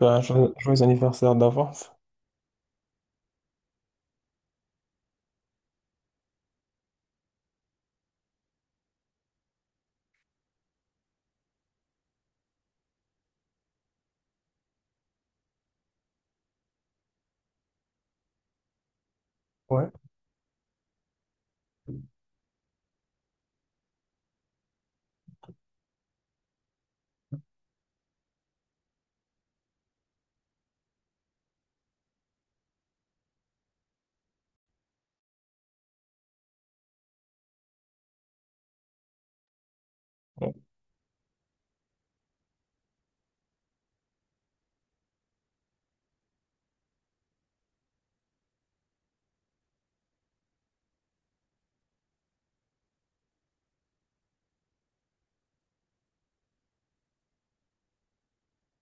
Ben, joyeux anniversaire d'avance. Ouais. Ouais.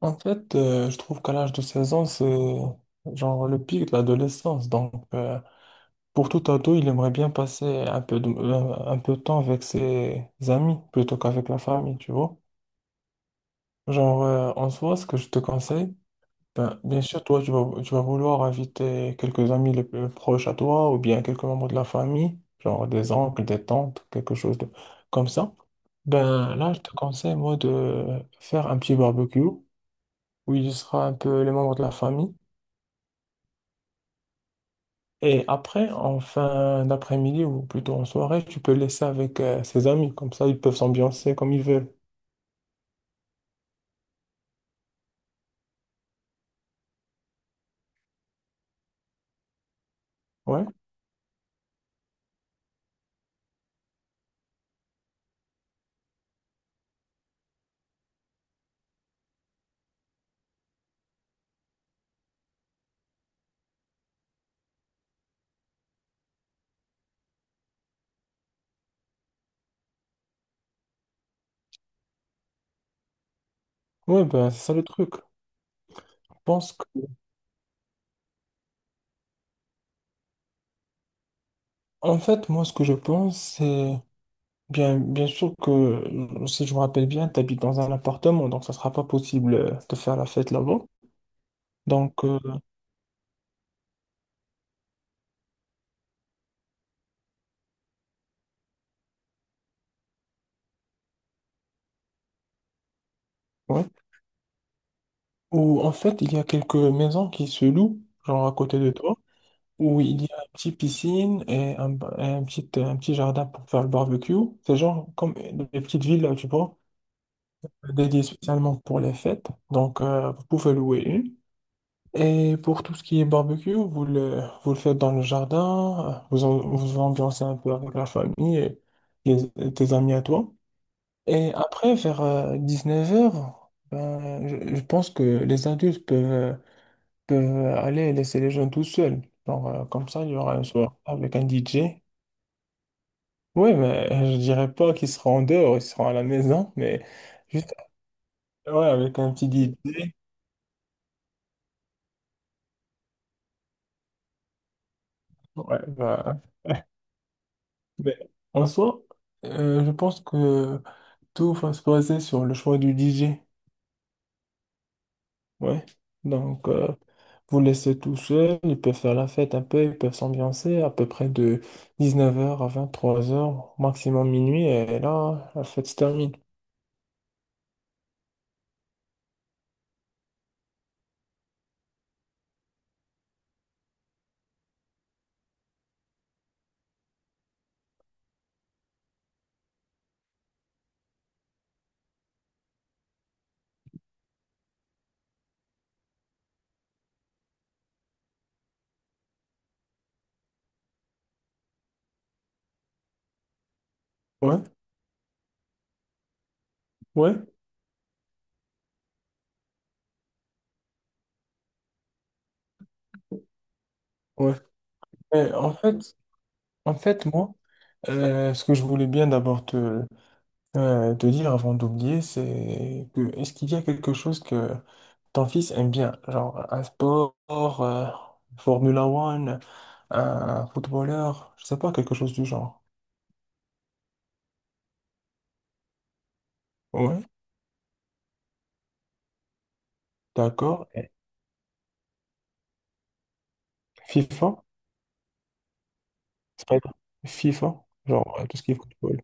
En fait, je trouve qu'à l'âge de 16 ans, c'est genre le pic de l'adolescence. Donc, pour tout ado, il aimerait bien passer un peu un peu de temps avec ses amis plutôt qu'avec la famille, tu vois. Genre, en soi, ce que je te conseille, ben, bien sûr, toi, tu vas vouloir inviter quelques amis les plus proches à toi ou bien quelques membres de la famille, genre des oncles, des tantes, quelque chose de, comme ça. Ben, là, je te conseille, moi, de faire un petit barbecue où il y sera un peu les membres de la famille. Et après, en fin d'après-midi ou plutôt en soirée, tu peux laisser avec ses amis. Comme ça, ils peuvent s'ambiancer comme ils veulent. Ouais, ouais, ben, c'est ça le truc. Je pense que... En fait, moi, ce que je pense, c'est... Bien, bien sûr que, si je me rappelle bien, tu habites dans un appartement, donc ça sera pas possible de faire la fête là-bas. Donc, ouais. Ou en fait, il y a quelques maisons qui se louent, genre à côté de toi, où il y a une petite piscine et et un petit jardin pour faire le barbecue. C'est genre comme des petites villes, tu vois, dédiées spécialement pour les fêtes. Donc, vous pouvez louer une. Et pour tout ce qui est barbecue, vous le faites dans le jardin, vous ambiancez un peu avec la famille et tes amis à toi. Et après, vers 19 heures, ben, je pense que les adultes peuvent aller laisser les jeunes tout seuls. Genre, comme ça, il y aura un soir avec un DJ. Oui, mais je dirais pas qu'ils seront en dehors, ils seront à la maison, mais juste ouais, avec un petit DJ. Ouais, bah, mais en soi, je pense que. Tout va se baser sur le choix du DJ. Ouais. Donc, vous laissez tout seul, ils peuvent faire la fête un peu, ils peuvent s'ambiancer à peu près de 19 heures à 23 heures, maximum minuit, et là, la fête se termine. Ouais, ouais, ouais. Et en fait, en fait, moi, ce que je voulais bien d'abord te dire avant d'oublier, c'est que est-ce qu'il y a quelque chose que ton fils aime bien, genre, un sport, euh, Formula One, un footballeur, je sais pas, quelque chose du genre. Ouais, d'accord. Et FIFA, c'est pas grave. FIFA, genre, tout ce qui est football.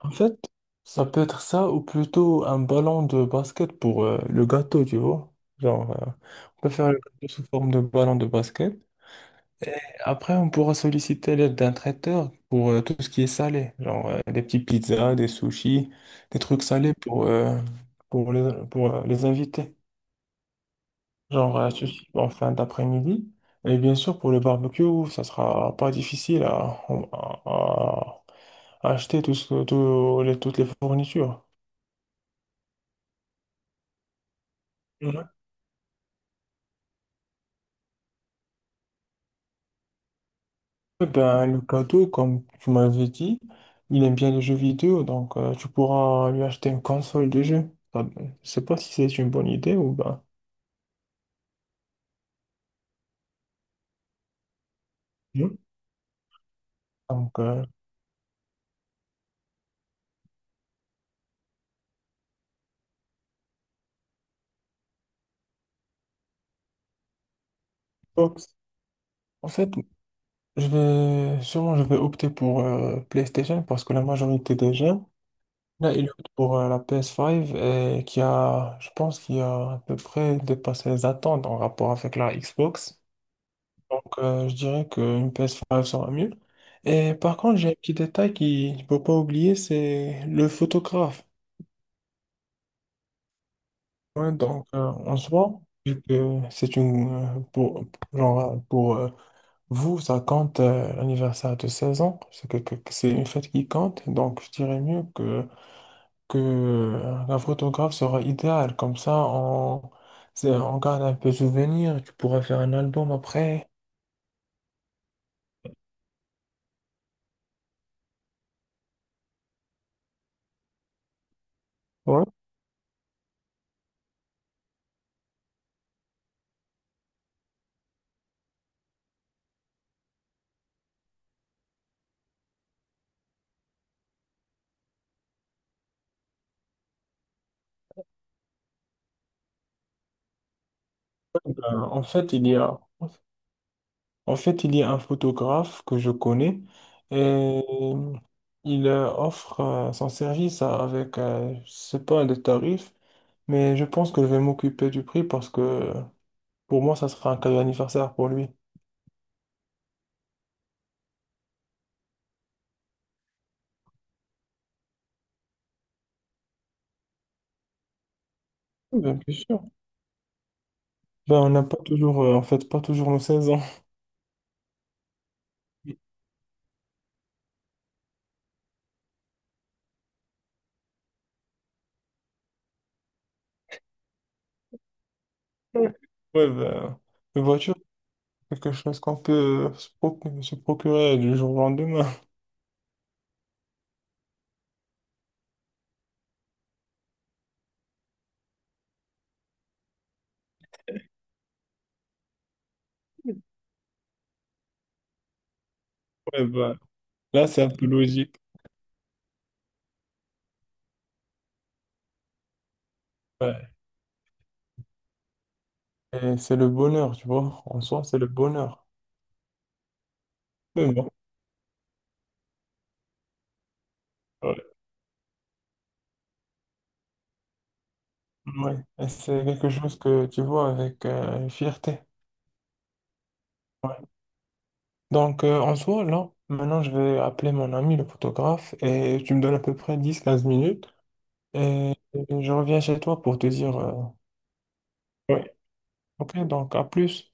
En fait, ça peut être ça ou plutôt un ballon de basket pour le gâteau, tu vois. Genre, on peut faire le gâteau sous forme de ballon de basket. Et après, on pourra solliciter l'aide d'un traiteur pour tout ce qui est salé, genre des petits pizzas, des sushis, des trucs salés pour pour les invités. Genre sushi en fin d'après-midi. Et bien sûr, pour le barbecue, ça sera pas difficile à- à acheter toutes les fournitures. Eh ben, le cadeau, comme tu m'avais dit, il aime bien les jeux vidéo, donc tu pourras lui acheter une console de jeu. Ah ben, je sais pas si c'est une bonne idée ou ben. Mhm. Donc, Xbox. En fait, je vais opter pour PlayStation parce que la majorité des gens, là, ils optent pour la PS5 et je pense, qui a à peu près dépassé les attentes en rapport avec la Xbox. Donc, je dirais qu'une PS5 sera mieux. Et par contre, j'ai un petit détail qu'il ne faut pas oublier, c'est le photographe. Ouais, donc, en soi, vu que c'est une... pour, genre, pour vous, ça compte l'anniversaire de 16 ans. Que c'est une fête qui compte. Donc, je dirais mieux que la photographe sera idéale. Comme ça, on, on garde un peu souvenir. Tu pourras faire un album après. Ouais. Euh, en fait, il y a... En fait, il y a un photographe que je connais et il offre son service avec, je sais pas le tarif, mais je pense que je vais m'occuper du prix parce que pour moi, ça sera un cadeau d'anniversaire pour lui. Ben, bien sûr. Ben, on n'a pas toujours, pas toujours nos seize ans. Ouais, ben, une voiture, c'est quelque chose qu'on peut se se procurer du jour au lendemain. Ouais, ben, là, c'est un peu logique. Ouais. Et c'est le bonheur, tu vois. En soi, c'est le bonheur. Mais bon. Ouais, et c'est quelque chose que tu vois avec fierté. Ouais. Donc, en soi, là, maintenant, je vais appeler mon ami, le photographe, et tu me donnes à peu près 10 à 15 minutes, et je reviens chez toi pour te dire... ouais. Ok, donc à plus.